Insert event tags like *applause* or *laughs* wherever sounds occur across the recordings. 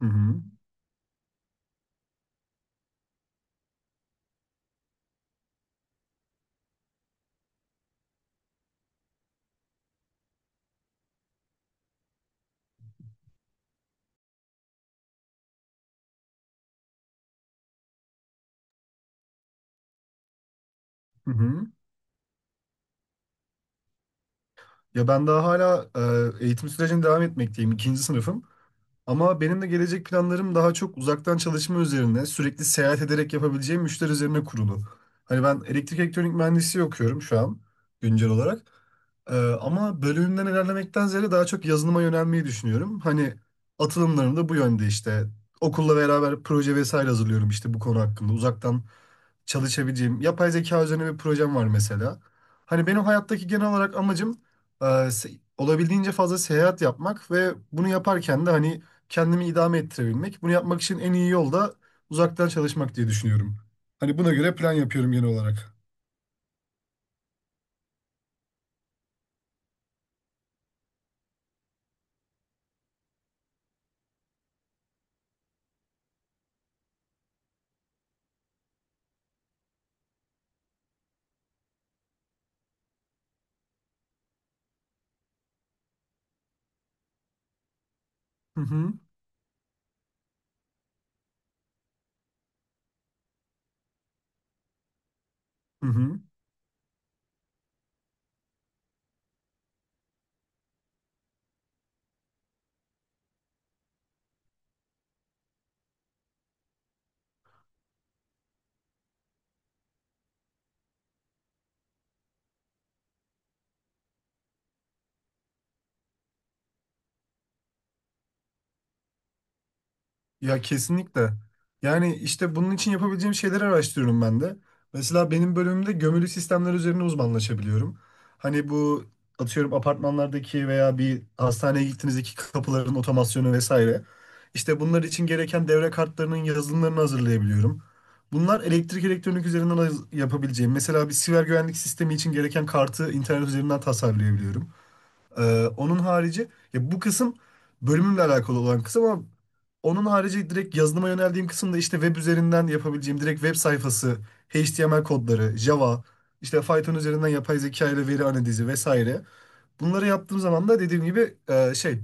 Hı hı. Hı hı. Ya ben daha hala eğitim sürecine devam etmekteyim. İkinci sınıfım. Ama benim de gelecek planlarım daha çok uzaktan çalışma üzerine, sürekli seyahat ederek yapabileceğim müşteri üzerine kurulu. Hani ben elektrik elektronik mühendisliği okuyorum şu an güncel olarak. Ee, Ama bölümümden ilerlemekten ziyade daha çok yazılıma yönelmeyi düşünüyorum. Hani atılımlarım da bu yönde işte. Okulla beraber proje vesaire hazırlıyorum işte bu konu hakkında. Uzaktan çalışabileceğim yapay zeka üzerine bir projem var mesela. Hani benim hayattaki genel olarak amacım olabildiğince fazla seyahat yapmak ve bunu yaparken de hani kendimi idame ettirebilmek. Bunu yapmak için en iyi yol da uzaktan çalışmak diye düşünüyorum. Hani buna göre plan yapıyorum genel olarak. Hı hı. Hı hı. Ya kesinlikle. Yani işte bunun için yapabileceğim şeyleri araştırıyorum ben de. Mesela benim bölümümde gömülü sistemler üzerine uzmanlaşabiliyorum. Hani bu atıyorum apartmanlardaki veya bir hastaneye gittiğinizdeki kapıların otomasyonu vesaire. İşte bunlar için gereken devre kartlarının yazılımlarını hazırlayabiliyorum. Bunlar elektrik elektronik üzerinden yapabileceğim. Mesela bir siber güvenlik sistemi için gereken kartı internet üzerinden tasarlayabiliyorum. Onun harici ya bu kısım bölümümle alakalı olan kısım ama onun harici direkt yazılıma yöneldiğim kısımda işte web üzerinden yapabileceğim direkt web sayfası, HTML kodları, Java, işte Python üzerinden yapay zeka ile veri analizi vesaire. Bunları yaptığım zaman da dediğim gibi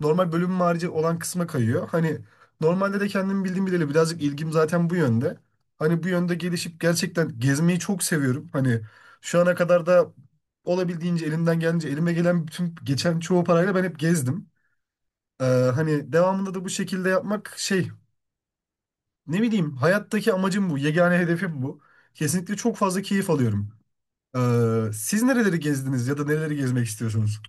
normal bölümüm harici olan kısma kayıyor. Hani normalde de kendim bildiğim bileli birazcık ilgim zaten bu yönde. Hani bu yönde gelişip gerçekten gezmeyi çok seviyorum. Hani şu ana kadar da olabildiğince elimden gelince elime gelen bütün geçen çoğu parayla ben hep gezdim. Ee, Hani devamında da bu şekilde yapmak ne bileyim hayattaki amacım bu. Yegane hedefim bu. Kesinlikle çok fazla keyif alıyorum. Siz nereleri gezdiniz ya da nereleri gezmek istiyorsunuz?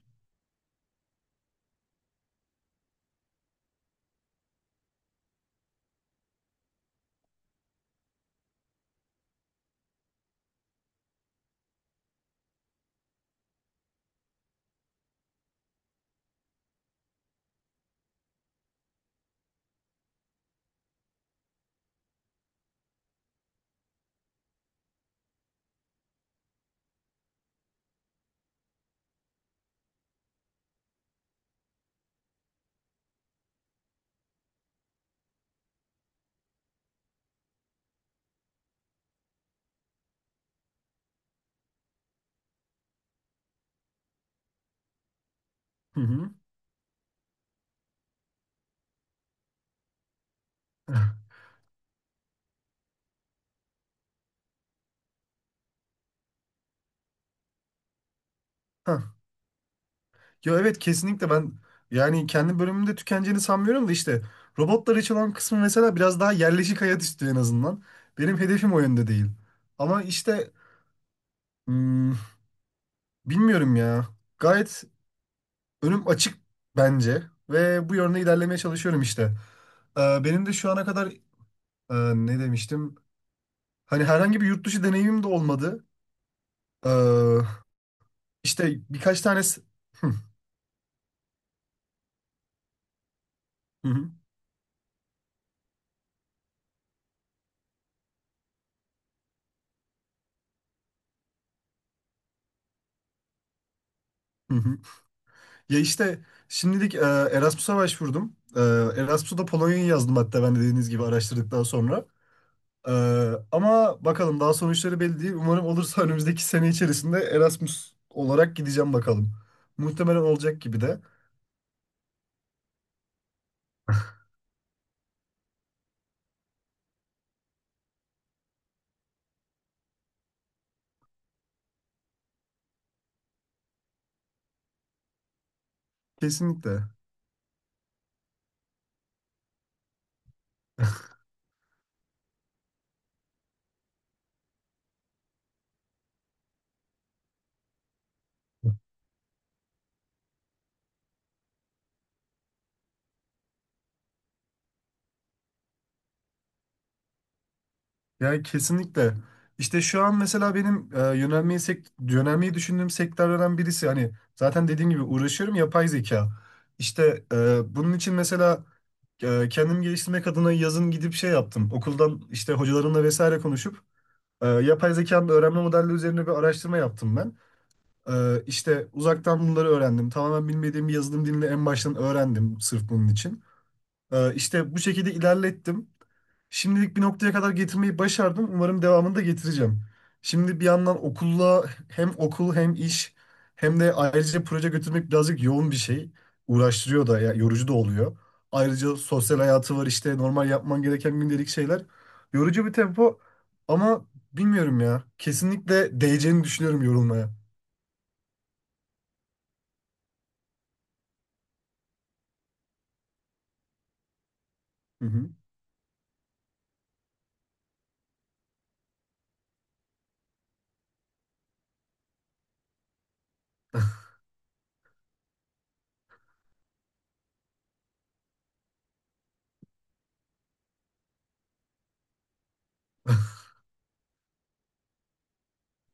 Hı hı. *laughs* Ya evet kesinlikle ben yani kendi bölümümde tükeneceğini sanmıyorum da işte robotları çalan kısmı mesela biraz daha yerleşik hayat istiyor en azından. Benim hedefim o yönde değil. Ama işte hmm, bilmiyorum ya. Gayet önüm açık bence ve bu yönde ilerlemeye çalışıyorum işte. Benim de şu ana kadar ne demiştim? Hani herhangi bir yurt dışı deneyimim de olmadı. Ee, işte birkaç tane... *laughs* Ya işte şimdilik Erasmus'a başvurdum. Erasmus'a da Polonya'yı yazdım hatta ben de dediğiniz gibi araştırdıktan sonra. E, Ama bakalım daha sonuçları belli değil. Umarım olursa *laughs* önümüzdeki sene içerisinde Erasmus olarak gideceğim bakalım. Muhtemelen olacak gibi de. Kesinlikle. Yani kesinlikle. İşte şu an mesela benim yönelmeyi düşündüğüm sektörlerden birisi. Hani zaten dediğim gibi uğraşıyorum yapay zeka. İşte bunun için mesela kendimi geliştirmek adına yazın gidip şey yaptım. Okuldan işte hocalarımla vesaire konuşup yapay zekanın öğrenme modelleri üzerine bir araştırma yaptım ben. İşte uzaktan bunları öğrendim. Tamamen bilmediğim bir yazılım dilini en baştan öğrendim sırf bunun için. İşte bu şekilde ilerlettim. Şimdilik bir noktaya kadar getirmeyi başardım. Umarım devamını da getireceğim. Şimdi bir yandan okulla hem okul hem iş hem de ayrıca proje götürmek birazcık yoğun bir şey. Uğraştırıyor da ya yorucu da oluyor. Ayrıca sosyal hayatı var işte normal yapman gereken gündelik şeyler. Yorucu bir tempo ama bilmiyorum ya. Kesinlikle değeceğini düşünüyorum yorulmaya. Hı hı. *laughs*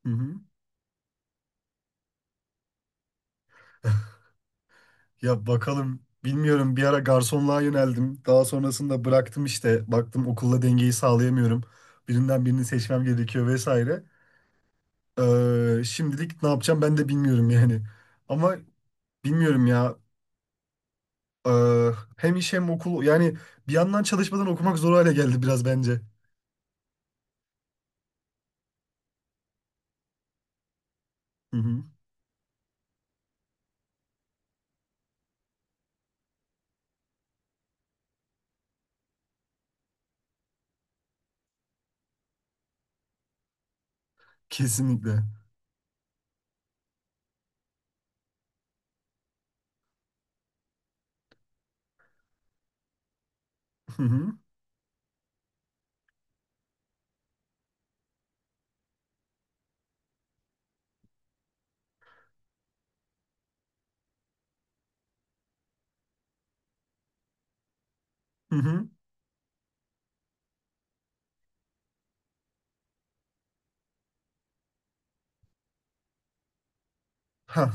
Hı hı. Ya bakalım bilmiyorum bir ara garsonluğa yöneldim. Daha sonrasında bıraktım işte. Baktım okulla dengeyi sağlayamıyorum. Birinden birini seçmem gerekiyor vesaire. Şimdilik ne yapacağım ben de bilmiyorum yani. Ama bilmiyorum ya. Ee, Hem iş hem okul yani bir yandan çalışmadan okumak zor hale geldi biraz bence. Hı hı. Kesinlikle. Hı hı. Hı hı. Hah,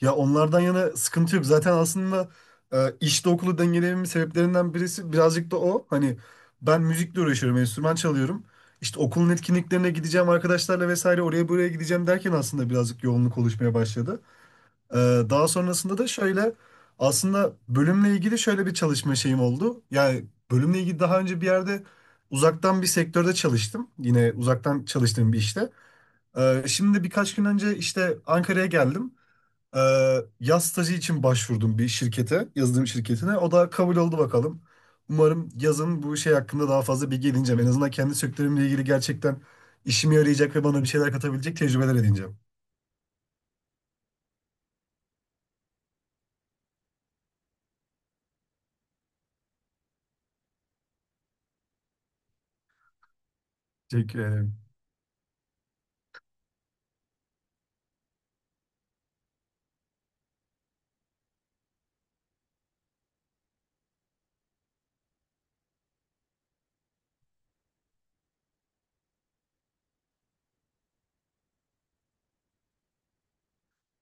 ya onlardan yana sıkıntı yok. Zaten aslında işte okulu dengelememin sebeplerinden birisi birazcık da o. Hani ben müzikle uğraşıyorum, enstrüman çalıyorum. İşte okulun etkinliklerine gideceğim arkadaşlarla vesaire oraya buraya gideceğim derken aslında birazcık yoğunluk oluşmaya başladı. E, Daha sonrasında da şöyle aslında bölümle ilgili şöyle bir çalışma şeyim oldu. Yani bölümle ilgili daha önce bir yerde uzaktan bir sektörde çalıştım. Yine uzaktan çalıştığım bir işte. Şimdi birkaç gün önce işte Ankara'ya geldim. Ee, Yaz stajı için başvurdum bir şirkete, yazılım şirketine. O da kabul oldu bakalım. Umarım yazın bu şey hakkında daha fazla bilgi edineceğim. En azından kendi sektörümle ilgili gerçekten işime yarayacak ve bana bir şeyler katabilecek tecrübeler edineceğim. Teşekkür ederim.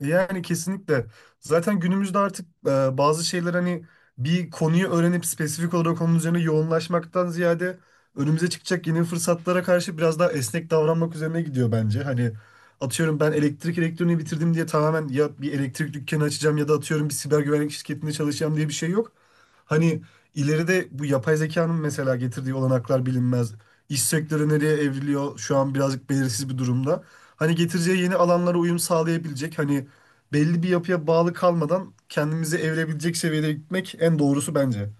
Yani kesinlikle. Zaten günümüzde artık bazı şeyler hani bir konuyu öğrenip spesifik olarak onun üzerine yoğunlaşmaktan ziyade önümüze çıkacak yeni fırsatlara karşı biraz daha esnek davranmak üzerine gidiyor bence. Hani atıyorum ben elektrik elektroniği bitirdim diye tamamen ya bir elektrik dükkanı açacağım ya da atıyorum bir siber güvenlik şirketinde çalışacağım diye bir şey yok. Hani ileride bu yapay zekanın mesela getirdiği olanaklar bilinmez. İş sektörü nereye evriliyor şu an birazcık belirsiz bir durumda. Hani getireceği yeni alanlara uyum sağlayabilecek hani belli bir yapıya bağlı kalmadan kendimizi evirebilecek seviyede gitmek en doğrusu bence.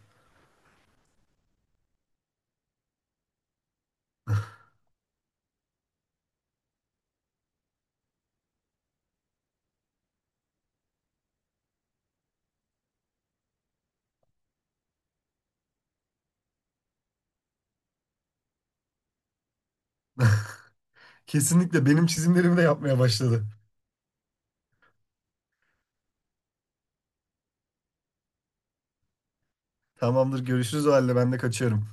Kesinlikle benim çizimlerimi de yapmaya başladı. Tamamdır görüşürüz o halde ben de kaçıyorum.